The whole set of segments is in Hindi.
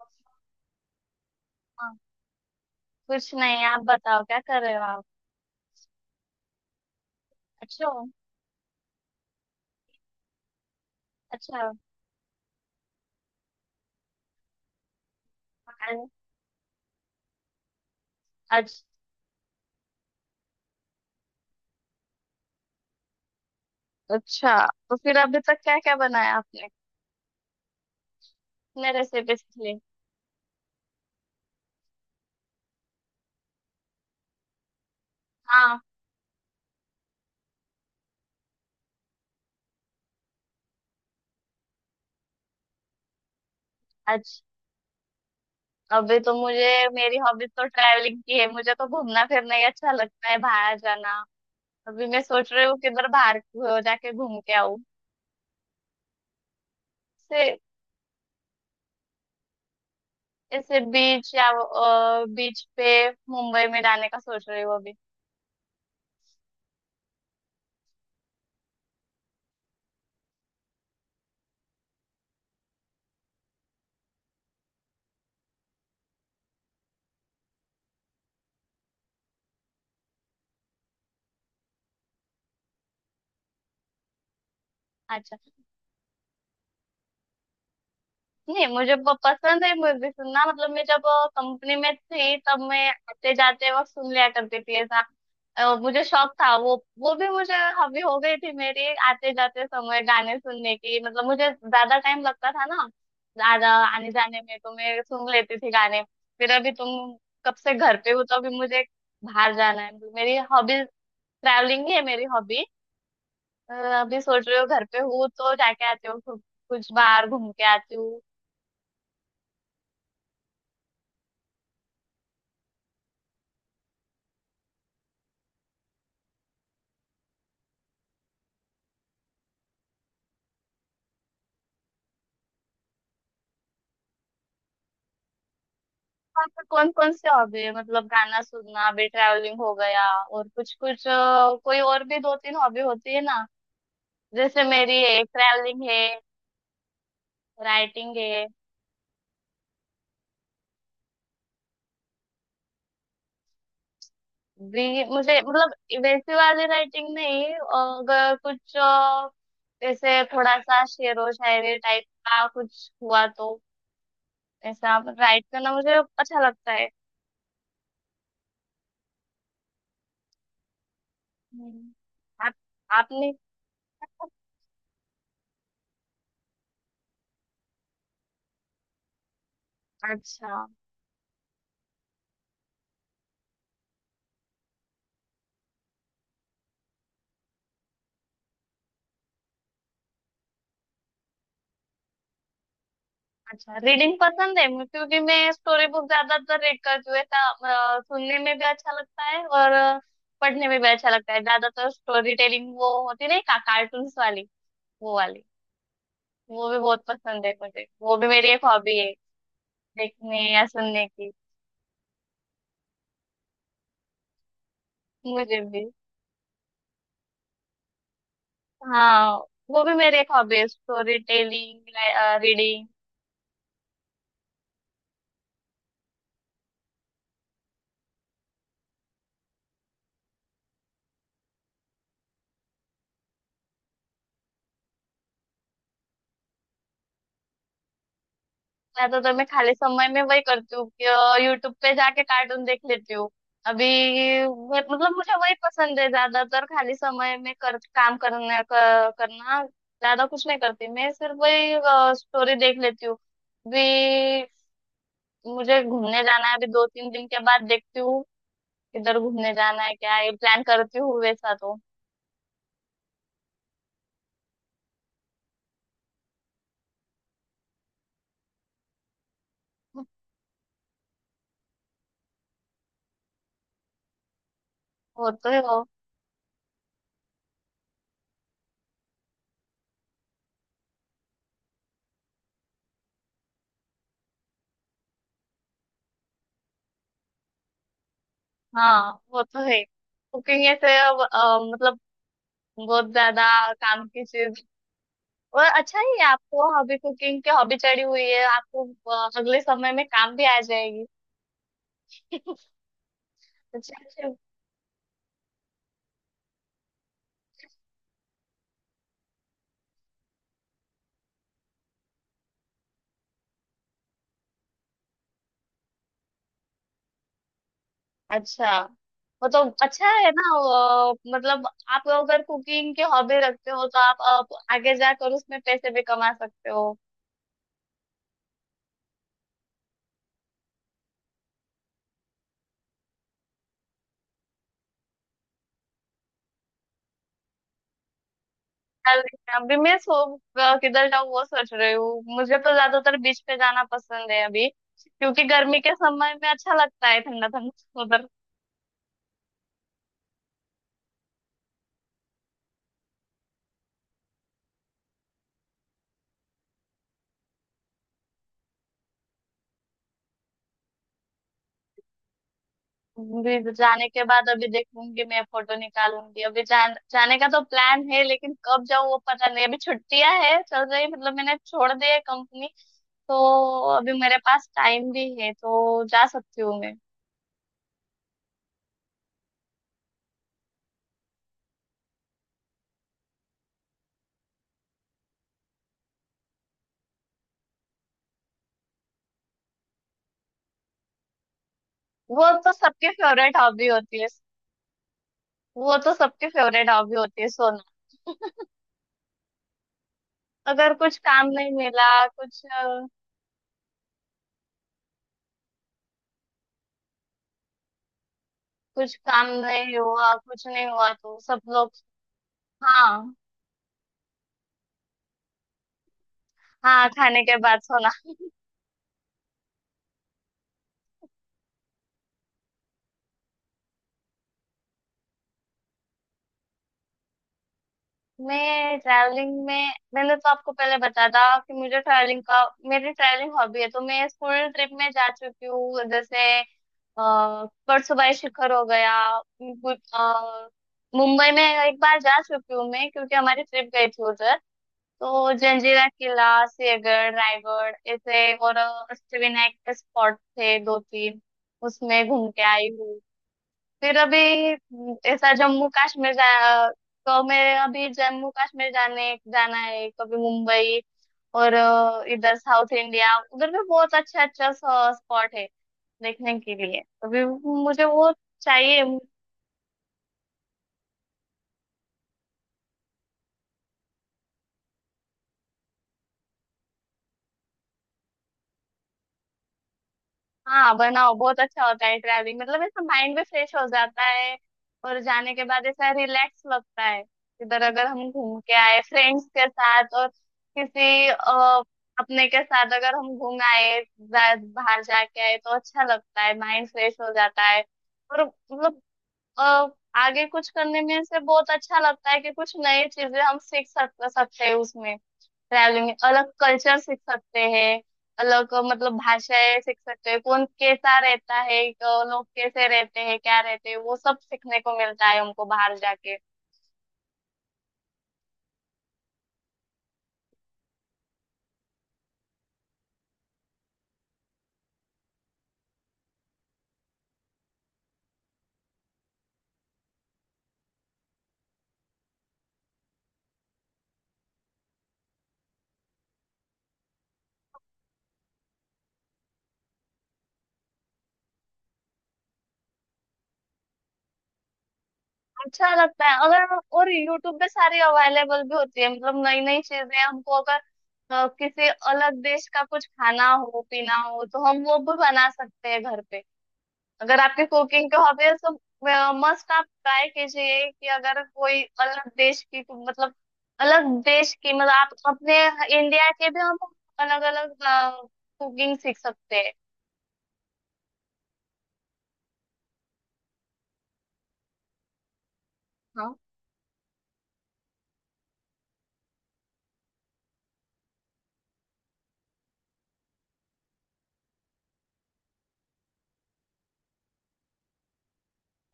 हाँ, कुछ नहीं। आप बताओ क्या कर रहे हो आप? अच्छे हो? अच्छा। अरे, आज। अच्छा। तो फिर अभी तक क्या क्या बनाया आपने? कितने रेसिपीज के लिए? हाँ। आज। अभी तो मुझे, मेरी हॉबीज तो ट्रैवलिंग की है, मुझे तो घूमना फिरना ही अच्छा लगता है, बाहर जाना। अभी मैं सोच रही हूँ किधर बाहर जाके घूम के आऊँ। से, ऐसे बीच या बीच पे, मुंबई में जाने का सोच रही हूँ अभी। अच्छा। नहीं मुझे पसंद है म्यूजिक सुनना। मतलब मैं जब कंपनी में थी, तब मैं आते जाते वक्त सुन लिया करती थी, ऐसा। मुझे शौक था। वो भी मुझे हॉबी हो गई थी मेरी, आते जाते समय गाने सुनने की। मतलब मुझे ज्यादा टाइम लगता था ना, ज्यादा आने जाने में, तो मैं सुन लेती थी गाने। फिर अभी तुम कब से घर पे हो, तो अभी मुझे बाहर जाना है, मतलब मेरी हॉबी ट्रैवलिंग ही है, मेरी हॉबी। अभी सोच रही हूँ घर पे हूँ तो जाके आती हूँ कुछ, कुछ बाहर घूम के आती हूँ। कौन कौन कौन से हॉबी है? मतलब गाना सुनना, अभी ट्रैवलिंग हो गया, और कुछ कुछ कोई और भी दो तीन हॉबी होती है ना। जैसे मेरी है ट्रैवलिंग है, राइटिंग है। भी मुझे मतलब वैसी वाली राइटिंग नहीं, अगर कुछ जैसे थोड़ा सा शेरो शायरी टाइप का कुछ हुआ तो ऐसा राइट करना मुझे अच्छा लगता है। हम्म। आप आपने? अच्छा। अच्छा। रीडिंग पसंद है मुझे, क्योंकि मैं स्टोरी बुक ज्यादातर रीड करती हूँ, ऐसा। सुनने में भी अच्छा लगता है और पढ़ने में भी अच्छा लगता है। ज्यादातर स्टोरी टेलिंग वो होती है ना, का, कार्टून्स वाली, वो वाली, वो भी बहुत पसंद है मुझे। वो भी मेरी एक हॉबी है देखने या सुनने की। मुझे भी। हाँ, वो भी मेरी एक हॉबी है, स्टोरी टेलिंग, रीडिंग। मैं तो तुम्हें खाली समय में वही करती हूँ कि यूट्यूब पे जाके कार्टून देख लेती हूँ अभी। मतलब मुझे वही पसंद है ज्यादातर। खाली समय में कर काम करने करना ज्यादा कुछ नहीं करती मैं, सिर्फ वही स्टोरी देख लेती हूँ अभी। मुझे घूमने जाना है अभी, दो तीन दिन के बाद देखती हूँ किधर घूमने जाना है, क्या ये प्लान करती हूँ, वैसा तो। वो तो है, वो। हाँ, वो तो है। कुकिंग ऐसे मतलब बहुत ज्यादा काम की चीज, और अच्छा ही है आपको, हॉबी, कुकिंग की हॉबी चढ़ी हुई है आपको। अगले समय में काम भी आ जाएगी। अच्छा अच्छा। अच्छा, वो तो अच्छा है ना। मतलब आप अगर कुकिंग की हॉबी रखते हो तो आप, आगे जाकर उसमें पैसे भी कमा सकते हो। चल, अभी मैं सो अ, किधर जाऊँ वो सोच रही हूँ। मुझे तो ज्यादातर बीच पे जाना पसंद है अभी, क्योंकि गर्मी के समय में अच्छा लगता है ठंडा ठंडा। अभी जाने के बाद अभी देखूंगी मैं, फोटो निकालूंगी अभी। जाने का तो प्लान है, लेकिन कब जाऊँ वो पता नहीं। अभी छुट्टियां है चल रही, मतलब मैंने छोड़ दी है कंपनी, तो अभी मेरे पास टाइम भी है तो जा सकती हूँ मैं। वो तो सबकी फेवरेट हॉबी होती है। वो तो सबकी फेवरेट हॉबी होती है, सोना। अगर कुछ काम नहीं मिला, कुछ कुछ काम नहीं हुआ, कुछ नहीं हुआ तो सब लोग। हाँ। हाँ, खाने के बाद सोना। मैं ट्रैवलिंग में, मैंने तो आपको पहले बता था कि मुझे ट्रैवलिंग का, मेरी ट्रैवलिंग हॉबी है, तो मैं स्कूल ट्रिप में जा चुकी हूँ। जैसे परसों बाई शिखर हो गया। गु- अ, मुंबई में एक बार जा चुकी हूँ मैं, क्योंकि हमारी ट्रिप गई थी उधर। तो जंजीरा किला, सिंहगढ़, रायगढ़, ऐसे और अष्टविनायक के स्पॉट थे दो तीन, उसमें घूम के आई हूँ। फिर अभी ऐसा जम्मू कश्मीर जा, तो मैं अभी जम्मू कश्मीर जाने, जाना है, कभी मुंबई, और इधर साउथ इंडिया, उधर भी बहुत अच्छा अच्छा स्पॉट है देखने के लिए। अभी मुझे वो चाहिए। हाँ बनाओ, बहुत अच्छा होता है ट्रैवलिंग। मतलब ऐसा माइंड भी फ्रेश हो जाता है, और जाने के बाद ऐसा रिलैक्स लगता है। इधर अगर हम घूम के आए फ्रेंड्स के साथ, और किसी अपने के साथ अगर हम घूम आए, बाहर जाके आए, तो अच्छा लगता है, माइंड फ्रेश हो जाता है। और मतलब अ, आगे कुछ करने में से बहुत अच्छा लगता है कि कुछ नई चीजें हम सीख सक सकते हैं उसमें। ट्रैवलिंग में अलग कल्चर सीख सकते हैं, अलग मतलब भाषाएं सीख सकते हैं, कौन कैसा रहता है, लोग कैसे रहते हैं, क्या रहते हैं, वो सब सीखने को मिलता है उनको, बाहर जाके। अच्छा लगता है। अगर और यूट्यूब पे सारी अवेलेबल भी होती है, मतलब नई नई चीजें हमको, अगर किसी अलग देश का कुछ खाना हो पीना हो तो हम वो भी बना सकते हैं घर पे। अगर आपकी कुकिंग की हॉबी है तो मस्ट आप ट्राई कीजिए कि अगर कोई अलग देश की, मतलब अलग देश की, मतलब आप अपने इंडिया के भी हम अलग अलग कुकिंग सीख सकते हैं। हाँ।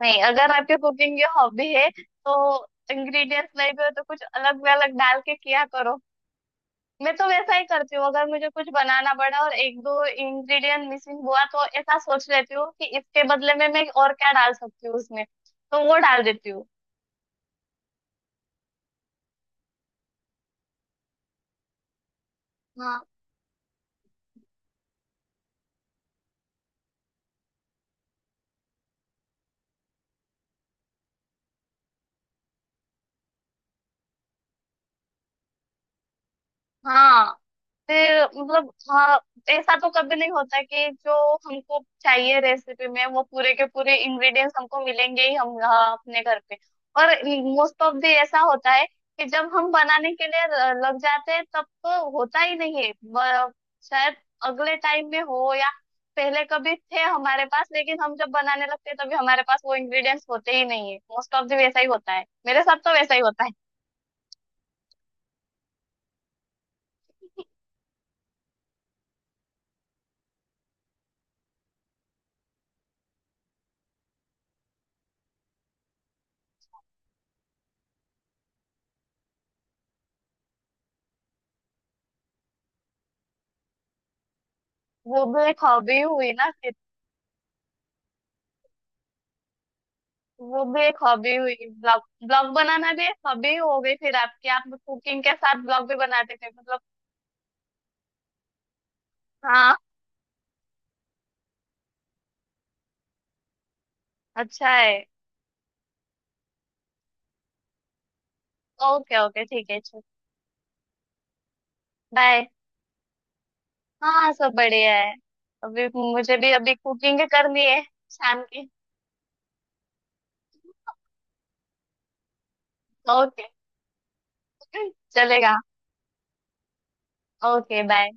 नहीं अगर आपकी कुकिंग की हॉबी है तो इंग्रेडिएंट्स नहीं भी हो तो कुछ अलग भी, अलग डाल के किया करो। मैं तो वैसा ही करती हूँ, अगर मुझे कुछ बनाना पड़ा और एक दो इंग्रेडिएंट मिसिंग हुआ तो ऐसा सोच लेती हूँ कि इसके बदले में मैं और क्या डाल सकती हूँ उसमें, तो वो डाल देती हूँ। हाँ। फिर मतलब हाँ, ऐसा तो कभी नहीं होता कि जो हमको चाहिए रेसिपी में, वो पूरे के पूरे इंग्रेडिएंट्स हमको मिलेंगे ही हम, हाँ, अपने घर पे। और मोस्ट ऑफ दी ऐसा होता है कि जब हम बनाने के लिए लग जाते हैं तब तो होता ही नहीं है। शायद अगले टाइम में हो, या पहले कभी थे हमारे पास, लेकिन हम जब बनाने लगते हैं तभी हमारे पास वो इंग्रेडिएंट्स होते ही नहीं है। मोस्ट ऑफ दी वैसा ही होता है, मेरे साथ तो वैसा ही होता है। वो भी एक हॉबी हुई ना। वो भी एक हॉबी हुई, ब्लॉग। ब्लॉग बनाना भी एक हॉबी हो गई फिर आपकी, आप कुकिंग के साथ ब्लॉग भी बनाते थे, मतलब। हाँ। अच्छा है। ओके ओके ठीक है, चलो। बाय। हाँ सब बढ़िया है। अभी मुझे भी अभी कुकिंग करनी है, शाम की। ओके, चलेगा। Okay bye.